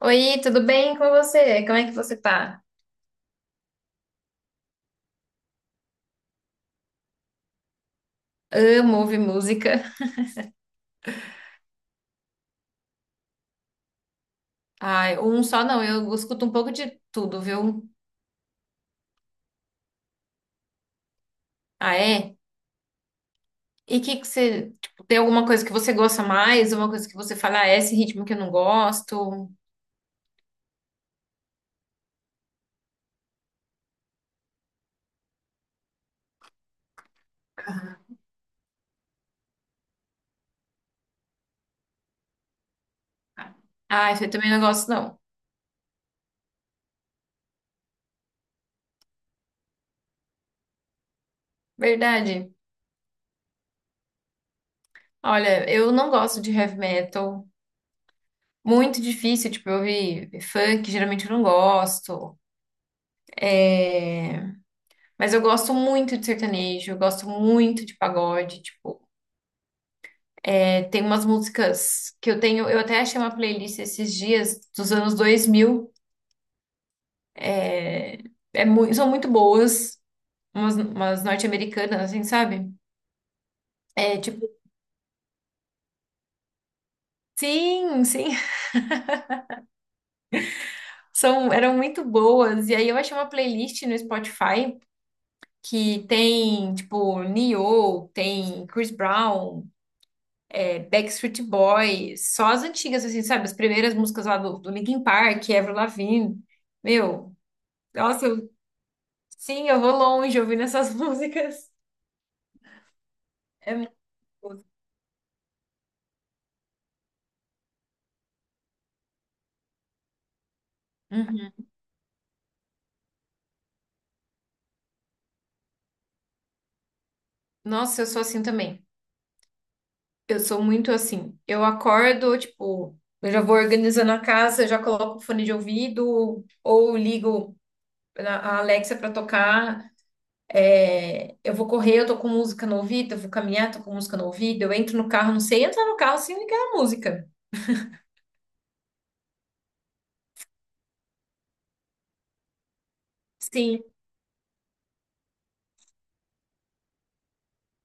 Oi, tudo bem com você? Como é que você tá? Amo ouvir música. Ai, um só não, eu escuto um pouco de tudo, viu? Ah, é? E o que que você, tipo, tem alguma coisa que você gosta mais? Uma coisa que você fala, ah, é esse ritmo que eu não gosto? Ah, eu também não gosto, não. Verdade. Olha, eu não gosto de heavy metal. Muito difícil, tipo, eu ouvir funk, geralmente eu não gosto. É... Mas eu gosto muito de sertanejo, eu gosto muito de pagode, tipo. Tem umas músicas que eu tenho, eu até achei uma playlist esses dias dos anos 2000. É, São muito boas, umas norte-americanas, assim, sabe? É tipo, sim, sim, eram muito boas. E aí eu achei uma playlist no Spotify que tem, tipo, Neo, tem Chris Brown, Backstreet Boys, só as antigas, assim, sabe? As primeiras músicas lá do Linkin Park, Avril Lavigne. Meu, nossa, sim, eu vou longe ouvindo essas músicas. É muito gostoso. Uhum. Nossa, eu sou assim também. Eu sou muito assim. Eu acordo, tipo, eu já vou organizando a casa, eu já coloco o fone de ouvido ou ligo a Alexa pra tocar. Eu vou correr, eu tô com música no ouvido, eu vou caminhar, tô com música no ouvido, eu entro no carro, não sei entrar no carro sem ligar a música. Sim.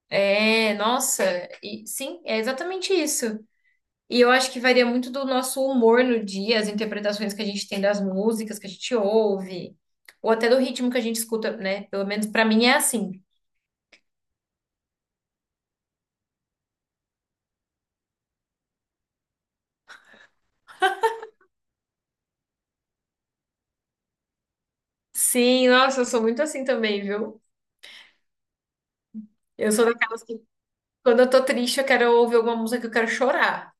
Nossa, e sim, é exatamente isso. E eu acho que varia muito do nosso humor no dia, as interpretações que a gente tem das músicas que a gente ouve, ou até do ritmo que a gente escuta, né? Pelo menos pra mim é assim. Sim, nossa, eu sou muito assim também, viu? Eu sou daquelas que, quando eu tô triste, eu quero ouvir alguma música que eu quero chorar.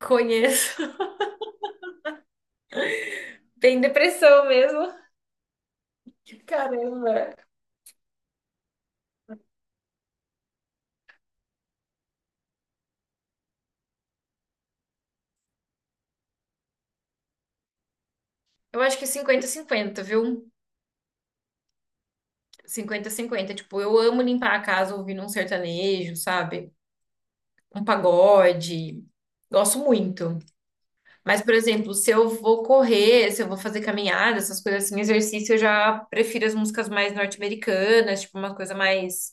Conheço. Tem depressão mesmo. Caramba. Eu acho que 50 cinquenta, viu? 50 cinquenta. Tipo, eu amo limpar a casa ouvindo um sertanejo, sabe? Um pagode. Gosto muito. Mas, por exemplo, se eu vou correr, se eu vou fazer caminhada, essas coisas assim, exercício, eu já prefiro as músicas mais norte-americanas, tipo uma coisa mais,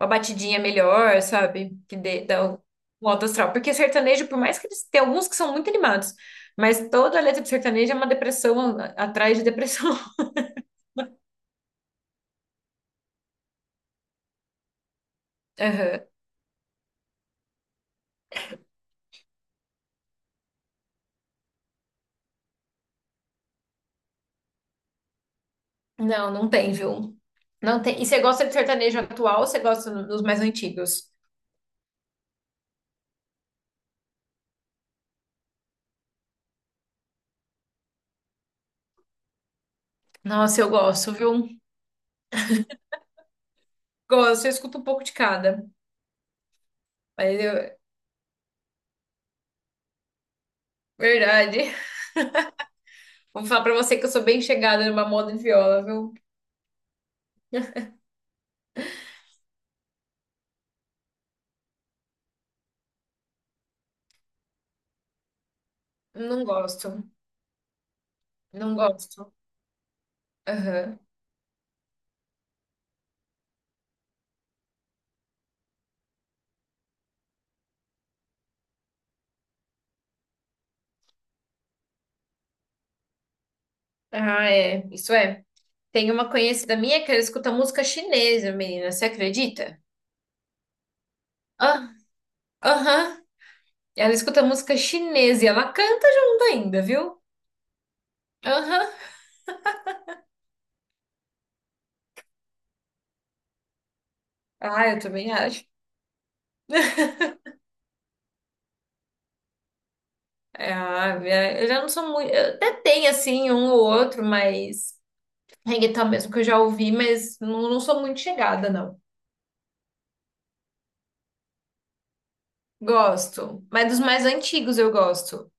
uma batidinha melhor, sabe? Dá um alto astral. Porque sertanejo, por mais que eles tem alguns que são muito animados, mas toda a letra de sertanejo é uma depressão atrás de depressão. Aham. Não, não tem, viu? Não tem. E você gosta de sertanejo atual ou você gosta dos mais antigos? Nossa, eu gosto, viu? Gosto, eu escuto um pouco de cada. Mas eu... Verdade. Vou falar pra você que eu sou bem chegada numa moda de viola, viu? Não gosto. Não gosto. Aham. Ah, é. Isso é. Tem uma conhecida minha que ela escuta música chinesa, menina. Você acredita? Ah, aham. Ela escuta música chinesa e ela canta junto ainda, viu? Aham. Ah, eu também acho. Ah, eu já não sou muito. Eu até tem, assim, um ou outro, mas. Reggaeton mesmo que eu já ouvi, mas não, não sou muito chegada, não. Gosto. Mas dos mais antigos eu gosto.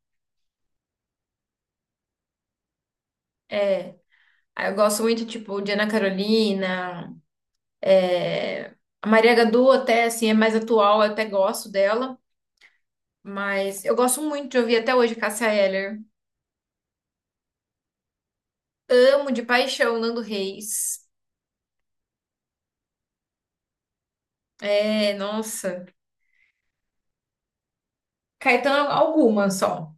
É, Aí eu gosto muito, tipo, de Ana Carolina. é, A Maria Gadu até, assim, é mais atual, eu até gosto dela. Mas eu gosto muito de ouvir até hoje Cássia Eller. Amo de paixão Nando Reis. Nossa. Caetano, alguma só.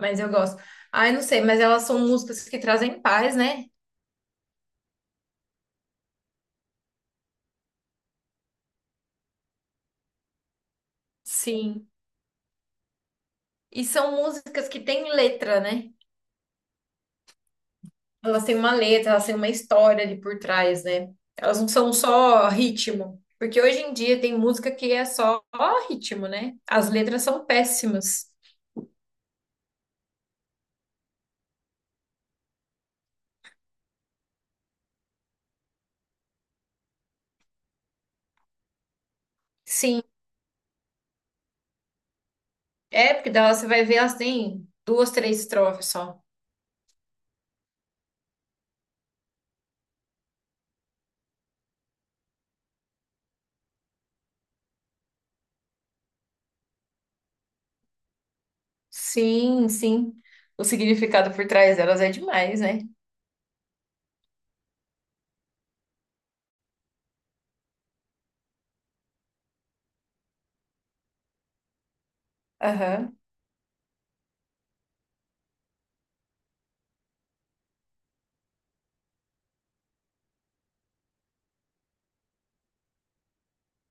Mas eu gosto. Ai, não sei, mas elas são músicas que trazem paz, né? Sim. E são músicas que têm letra, né? Elas têm uma letra, elas têm uma história ali por trás, né? Elas não são só ritmo. Porque hoje em dia tem música que é só ritmo, né? As letras são péssimas. Sim, porque delas você vai ver, elas têm duas, três estrofes só. Sim, sim. O significado por trás delas é demais, né? Aham.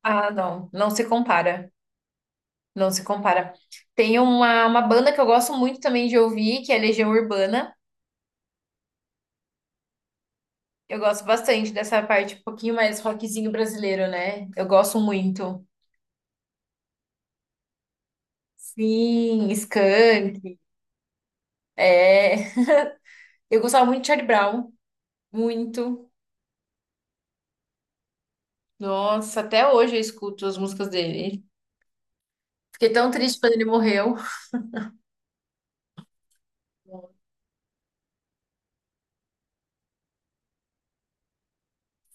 Ah, não. Não se compara. Não se compara. Tem uma banda que eu gosto muito também de ouvir, que é Legião Urbana. Eu gosto bastante dessa parte um pouquinho mais rockzinho brasileiro, né? Eu gosto muito. Sim, Skank. É. Eu gostava muito de Charlie Brown. Muito. Nossa, até hoje eu escuto as músicas dele. Fiquei tão triste quando ele morreu.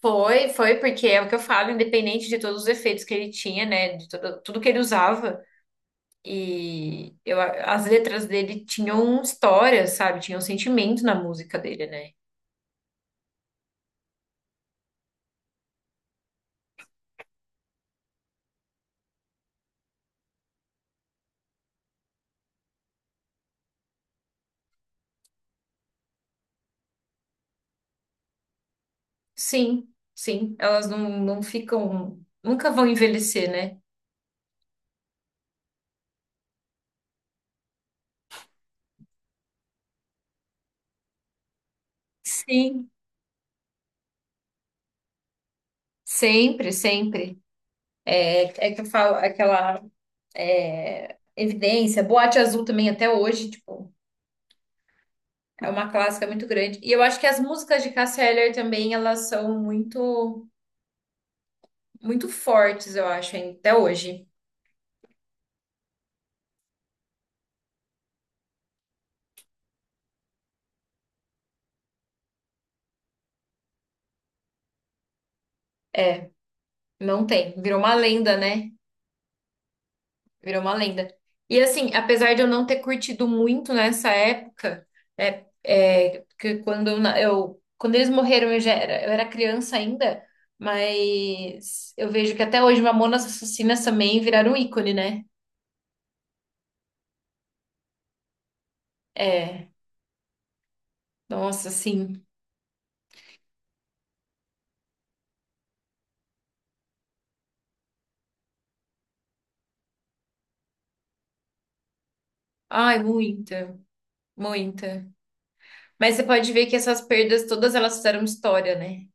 Foi, foi, porque é o que eu falo, independente de todos os efeitos que ele tinha, né? De tudo, tudo que ele usava. As letras dele tinham história, sabe? Tinham sentimento na música dele, né? Sim, sim, elas não, não ficam, nunca vão envelhecer, né? Sim, sempre, sempre. É que eu falo aquela evidência, Boate Azul também até hoje, tipo, é uma clássica muito grande. E eu acho que as músicas de Cássia Eller também, elas são muito, muito fortes, eu acho, hein, até hoje. Não tem, virou uma lenda, né? Virou uma lenda. E assim, apesar de eu não ter curtido muito nessa época, que quando eles morreram eu era criança ainda, mas eu vejo que até hoje Mamonas Assassinas também viraram ícone, né? É, Nossa, sim, ai, muita, muita. Mas você pode ver que essas perdas todas elas fizeram história, né?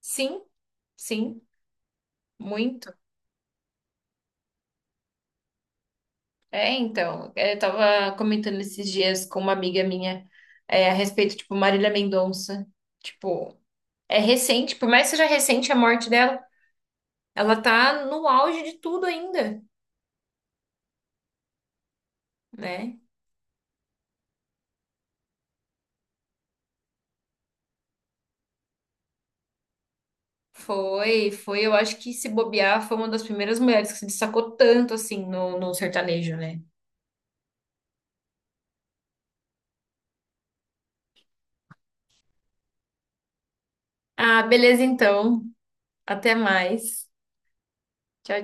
Sim, sim, muito. Então, eu tava comentando esses dias com uma amiga minha, a respeito, tipo, Marília Mendonça. Tipo, é recente, por mais que seja recente a morte dela, ela tá no auge de tudo ainda, né? Foi, foi, eu acho que se bobear, foi uma das primeiras mulheres que se destacou tanto assim no sertanejo, né? Ah, beleza então. Até mais. Tchau,